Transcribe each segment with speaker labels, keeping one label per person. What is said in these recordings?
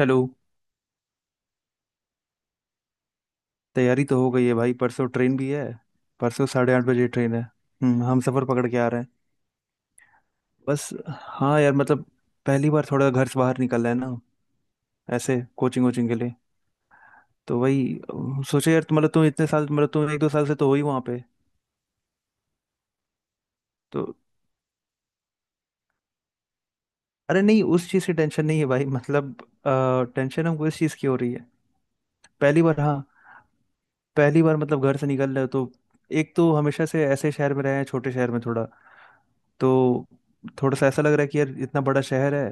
Speaker 1: Hello. तैयारी तो हो गई है भाई, परसों ट्रेन भी है। परसों साढ़े आठ बजे ट्रेन है। हम सफ़र पकड़ के आ रहे हैं। बस हाँ यार मतलब पहली बार थोड़ा घर से बाहर निकल रहे हैं ना, ऐसे कोचिंग वोचिंग के लिए। तो वही सोचा यार, मतलब तुम इतने साल, मतलब तुम एक दो साल से तो हो ही वहाँ पे तो। अरे नहीं उस चीज़ की टेंशन नहीं है भाई, मतलब टेंशन हमको इस चीज़ की हो रही है। पहली बार हाँ। पहली बार मतलब घर से निकल रहे हो तो। एक तो हमेशा से ऐसे शहर में रहे हैं, छोटे शहर में थोड़ा। तो थोड़ा सा ऐसा लग रहा है कि यार इतना बड़ा शहर है,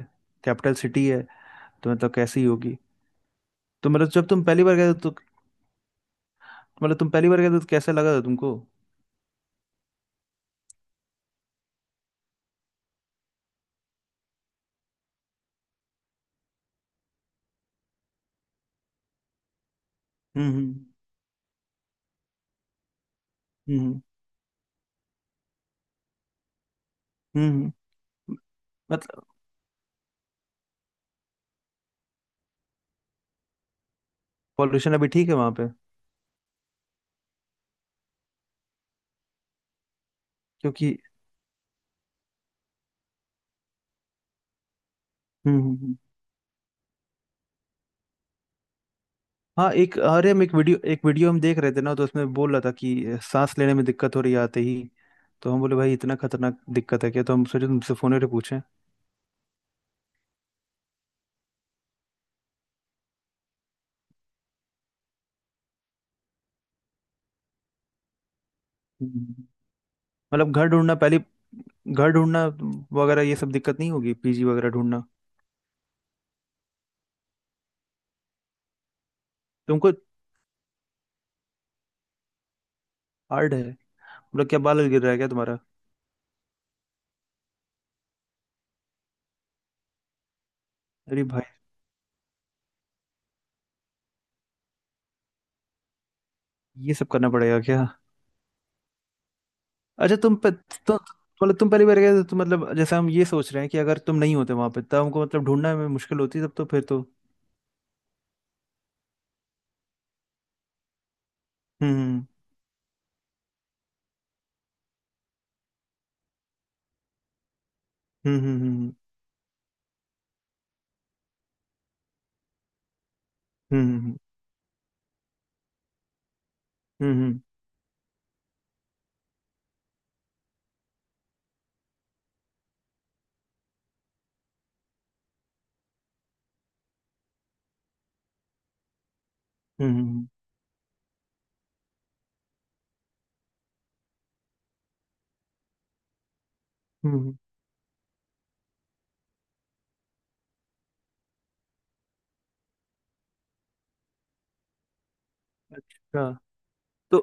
Speaker 1: कैपिटल सिटी है, तो मतलब कैसी होगी। तो मतलब जब तुम पहली बार गए थे, तो कैसा लगा था तुमको। हम्म हम्म हम्म हम्म हम्म। मतलब पॉल्यूशन अभी ठीक है वहां पे? क्योंकि। हम्म। हाँ एक, अरे हम एक वीडियो हम देख रहे थे ना, तो उसमें बोल रहा था कि सांस लेने में दिक्कत हो रही है आते ही। तो हम बोले भाई इतना खतरनाक दिक्कत है क्या, तो हम सोचे तुमसे फोन पे पूछें। हम्म। मतलब घर ढूंढना पहले, घर ढूंढना वगैरह ये सब दिक्कत नहीं होगी, पीजी वगैरह ढूंढना। तुमको हार्ड है? मतलब क्या बाल गिर रहा है क्या तुम्हारा? अरे भाई ये सब करना पड़ेगा क्या? अच्छा तुम पे तो, मतलब तुम पहली बार गए थे तो मतलब जैसे हम ये सोच रहे हैं कि अगर तुम नहीं होते वहां पे तब हमको मतलब ढूंढना में मुश्किल होती, तब तो फिर तो। हम्म हम्म हम्म हम्म हम्म हम्म हम्म हम्म, हम्म, हम्म हम्म, हम्म, हम्म, हम्म। अच्छा तो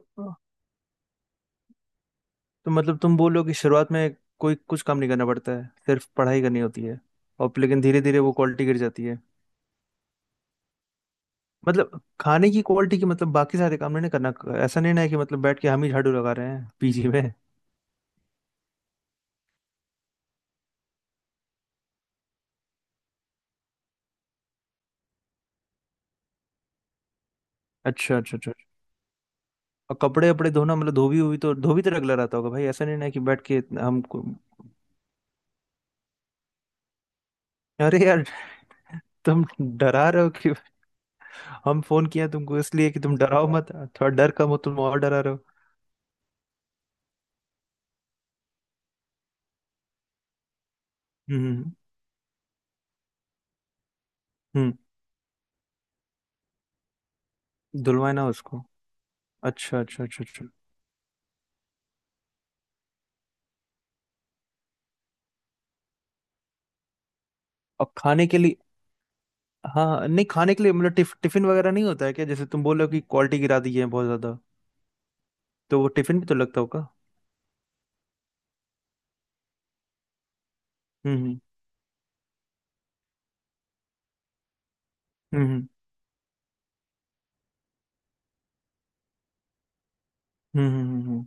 Speaker 1: तो मतलब तुम बोल रहे हो कि शुरुआत में कोई कुछ काम नहीं करना पड़ता है, सिर्फ पढ़ाई करनी होती है, और लेकिन धीरे धीरे वो क्वालिटी गिर जाती है। मतलब खाने की क्वालिटी की, मतलब बाकी सारे काम नहीं ना करना। ऐसा नहीं ना है कि मतलब बैठ के हम ही झाड़ू लगा रहे हैं पीजी में। अच्छा अच्छा अच्छा अच्छा। और कपड़े वपड़े धोना, मतलब धोबी हुई तो धोबी तो रगला रहता होगा भाई, ऐसा नहीं ना है कि बैठ के हमको। अरे यार तुम डरा रहे हो कि, हम फोन किया तुमको इसलिए कि तुम डराओ मत, थोड़ा डर कम हो, तुम और डरा रहे हो। हम्म हम्म हम्म, धुलवाए ना उसको। अच्छा अच्छा अच्छा अच्छा। और खाने के लिए? हाँ हाँ, नहीं खाने के लिए मतलब टिफिन वगैरह नहीं होता है क्या, जैसे तुम बोल रहे हो कि क्वालिटी गिरा दी है बहुत ज्यादा? तो वो टिफिन भी तो लगता होगा। हम्म हम्म हम्म हम्म हम्म हम्म, हम्म, हम्म,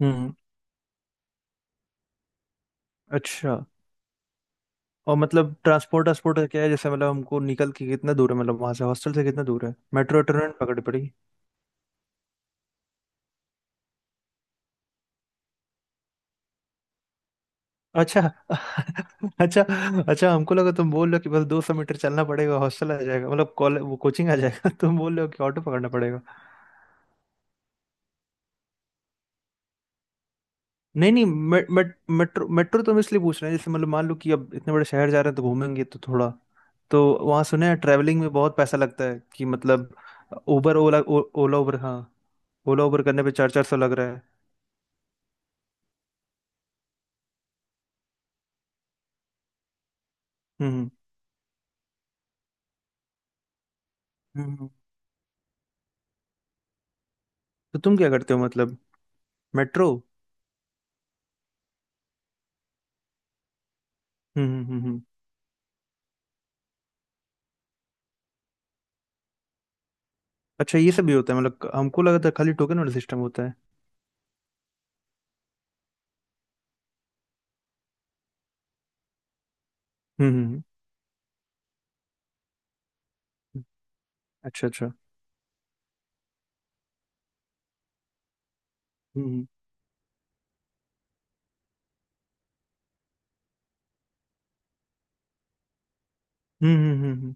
Speaker 1: हम्म। अच्छा और मतलब ट्रांसपोर्ट ट्रांसपोर्ट का क्या है जैसे, मतलब हमको निकल के कितना दूर है, मतलब वहां से हॉस्टल से कितना दूर है, मेट्रो ट्रेन पकड़ पड़ी? अच्छा अच्छा। अच्छा हमको लगा तुम बोल रहे हो कि बस दो सौ मीटर चलना पड़ेगा, हॉस्टल आ जाएगा, मतलब कॉलेज वो कोचिंग आ जाएगा। तुम बोल रहे हो कि ऑटो पकड़ना पड़ेगा। नहीं नहीं मे, मे, मेट्रो मेट्रो तो हम इसलिए पूछ रहे हैं जैसे, मतलब मान लो कि अब इतने बड़े शहर जा रहे हैं तो घूमेंगे तो थोड़ा। तो वहाँ सुने हैं ट्रैवलिंग में बहुत पैसा लगता है कि मतलब, उबर ओला, ओला उबर हाँ, ओला उबर करने पे चार चार सौ लग रहा है। हम्म हम्म हम्म। तो तुम क्या करते हो मतलब? मेट्रो? हम्म हम्म हम्म हम्म। अच्छा ये सब भी होता है, मतलब हमको लगा था खाली टोकन वाला सिस्टम होता है। हम्म हम्म हम्म। अच्छा अच्छा। हम्म हम्म हम्म हम्म हम्म, हम्म।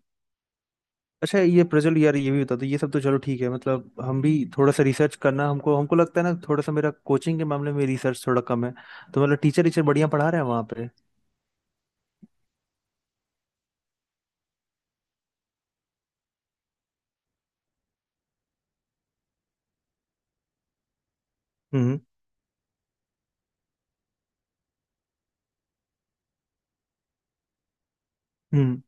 Speaker 1: अच्छा ये प्रज्वल यार, ये भी बता दो, ये सब तो चलो ठीक है, मतलब हम भी थोड़ा सा रिसर्च करना, हमको हमको लगता है ना थोड़ा सा मेरा कोचिंग के मामले में रिसर्च थोड़ा कम है। तो मतलब टीचर टीचर बढ़िया पढ़ा रहे हैं वहाँ पे? हम्म हम्म।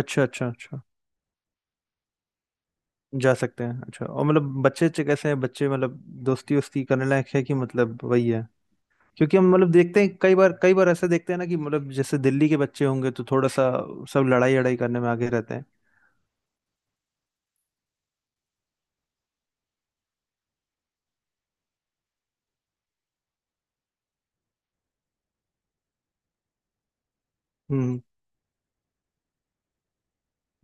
Speaker 1: अच्छा अच्छा अच्छा जा सकते हैं। अच्छा और मतलब बच्चे अच्छे कैसे हैं बच्चे, मतलब दोस्ती वोस्ती करने लायक है कि मतलब वही है, क्योंकि हम मतलब देखते हैं कई बार, कई बार ऐसा देखते हैं ना कि मतलब जैसे दिल्ली के बच्चे होंगे तो थोड़ा सा सब लड़ाई लड़ाई करने में आगे रहते हैं। हम्म।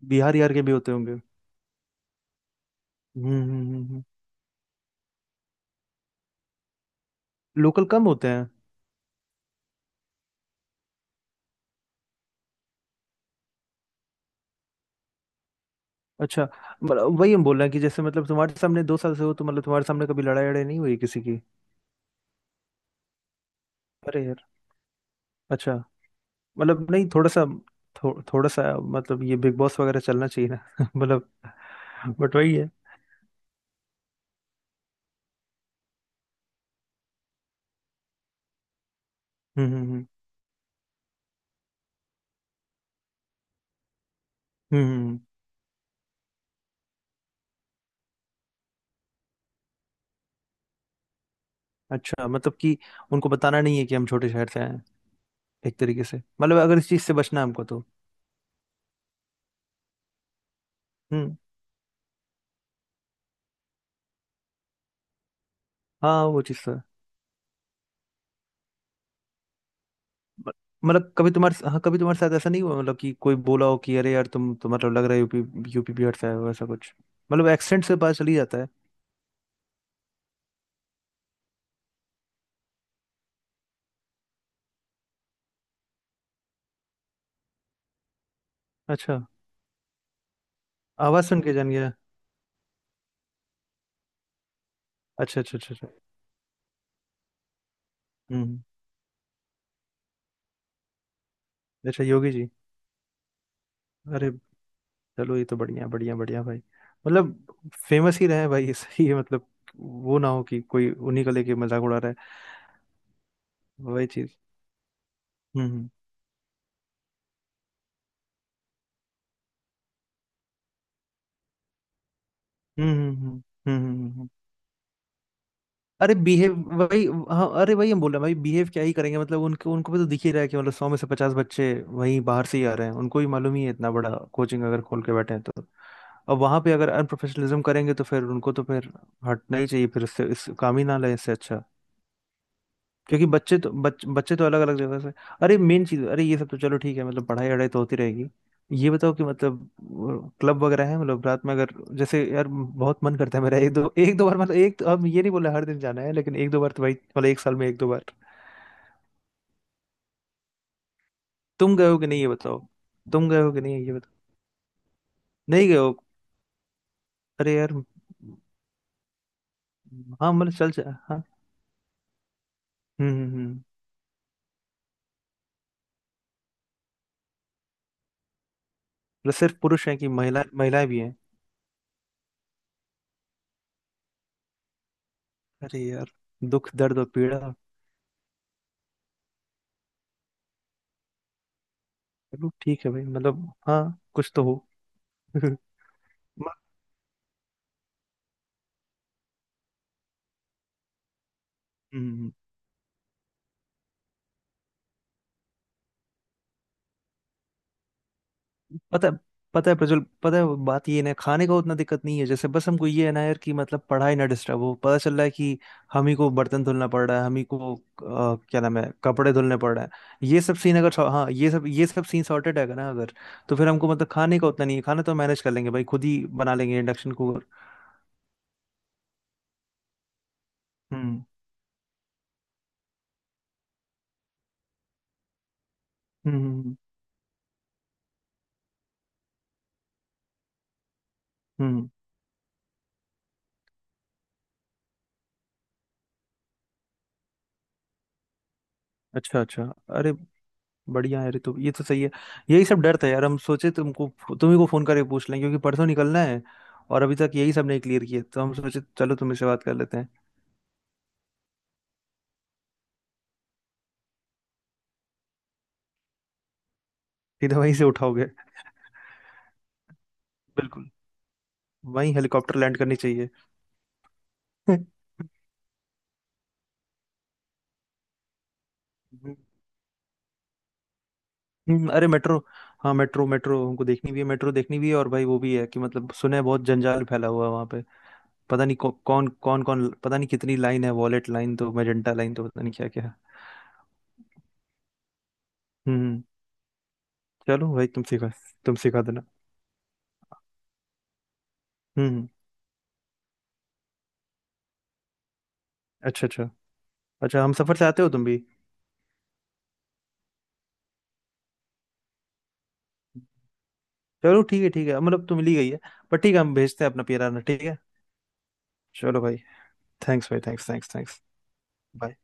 Speaker 1: बिहार यार के भी होते होंगे। हम्म। लोकल कम होते हैं। अच्छा मतलब वही हम बोल रहे हैं कि जैसे मतलब तुम्हारे सामने दो साल से हो, तो मतलब तुम्हारे सामने कभी लड़ाई लड़ाई नहीं हुई किसी की? अरे यार। अच्छा मतलब नहीं, थोड़ा सा थोड़ा सा, मतलब ये बिग बॉस वगैरह चलना चाहिए ना मतलब। बट वही है। हम्म हम्म हम्म हम्म। अच्छा मतलब कि उनको बताना नहीं है कि हम छोटे शहर से आए हैं एक तरीके से, मतलब अगर इस चीज से बचना है हमको तो। हम्म। हाँ वो चीज तो है। म- मतलब कभी तुम्हारे, हाँ कभी तुम्हारे साथ ऐसा नहीं हुआ मतलब कि कोई बोला हो कि अरे यार तुम, तुम्हारा लग रहा है यूपी, यूपी बिहार से आए हो ऐसा कुछ? मतलब एक्सेंट से पता चली जाता है। अच्छा। आवाज सुन के जान गया। अच्छा अच्छा अच्छा अच्छा। हम्म हम्म। अच्छा योगी जी। अरे चलो ये तो बढ़िया बढ़िया बढ़िया भाई, मतलब फेमस ही रहे भाई सही है मतलब, वो ना हो कि कोई उन्हीं को लेके मजाक उड़ा रहा है वही चीज। हम्म हम्म हम्म हम्म हम्म हम्म, हम्म, हम्म, अरे बिहेव, वही। हाँ अरे वही हम बोल रहे हैं भाई, बिहेव क्या ही करेंगे, मतलब उनको, भी तो दिख ही रहा है कि मतलब सौ में से पचास बच्चे वहीं बाहर से ही आ रहे हैं, उनको भी मालूम ही है, इतना बड़ा कोचिंग अगर खोल के बैठे हैं तो। अब वहां पे अगर अनप्रोफेशनलिज्म करेंगे तो फिर उनको तो फिर हटना ही चाहिए, फिर इससे इस काम ही ना लें इससे अच्छा। क्योंकि बच्चे तो बच्चे तो अलग अलग जगह से। अरे मेन चीज, अरे ये सब तो चलो ठीक है, मतलब पढ़ाई वढ़ाई तो होती रहेगी। ये बताओ कि मतलब क्लब वगैरह है, मतलब रात में अगर, जैसे यार बहुत मन करता है मेरा एक दो, एक दो बार मतलब, एक तो, अब ये नहीं बोला हर दिन जाना है लेकिन एक दो बार तो भाई, मतलब एक साल में एक दो बार। तुम गए हो कि नहीं ये बताओ। तुम गए हो कि नहीं ये बताओ। नहीं गए हो? अरे यार। हाँ मतलब चल चल हाँ। हम्म। मतलब सिर्फ पुरुष हैं कि महिला, महिलाएं भी हैं? अरे यार दुख दर्द और पीड़ा। चलो ठीक है भाई मतलब हाँ, कुछ तो हो। म- हम्म, पता है, पता है प्रज्वल, पता है बात ये है ना, खाने का उतना दिक्कत नहीं है जैसे, बस हमको ये है ना यार कि मतलब पढ़ाई ना डिस्टर्ब हो, पता चल रहा है कि हम ही को बर्तन धुलना पड़ रहा है, हम ही को क्या नाम है कपड़े धुलने पड़ रहे हैं। ये सब सीन अगर हाँ, ये सब सीन सॉर्टेड है ना अगर, तो फिर हमको मतलब खाने का उतना नहीं है, खाना तो मैनेज कर लेंगे भाई खुद ही बना लेंगे, इंडक्शन कुकर। हम्म हम्म हम्म हम्म, अच्छा अच्छा। अरे बढ़िया है ऋतु, ये तो सही है। यही सब डर था यार, हम सोचे तुमको, तुम्ही को फोन करके पूछ लें, क्योंकि परसों निकलना है और अभी तक यही सब नहीं क्लियर किए, तो हम सोचे चलो तुम इससे बात कर लेते हैं। सीधे वहीं से उठाओगे? बिल्कुल। वहीं हेलीकॉप्टर लैंड करनी चाहिए। हम्म, अरे मेट्रो, हाँ मेट्रो, मेट्रो हमको देखनी भी है, मेट्रो देखनी भी है, और भाई वो भी है कि मतलब सुना है बहुत जंजाल फैला हुआ है वहाँ पे। पता नहीं कौन कौन कौन, पता नहीं कितनी लाइन है, वॉलेट लाइन तो मैजेंटा लाइन तो पता नहीं क्या क्या है। हम्म। चलो भाई तुम सिखा, तुम सिखा देना। हम्म। अच्छा अच्छा। अच्छा हम सफर से आते हो तुम भी? चलो ठीक है ठीक है, मतलब तुम ली गई है, पर ठीक है, हम भेजते हैं अपना पियराना ठीक है। चलो भाई। थैंक्स भाई, थैंक्स थैंक्स थैंक्स। बाय।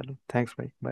Speaker 1: चलो थैंक्स भाई बाय।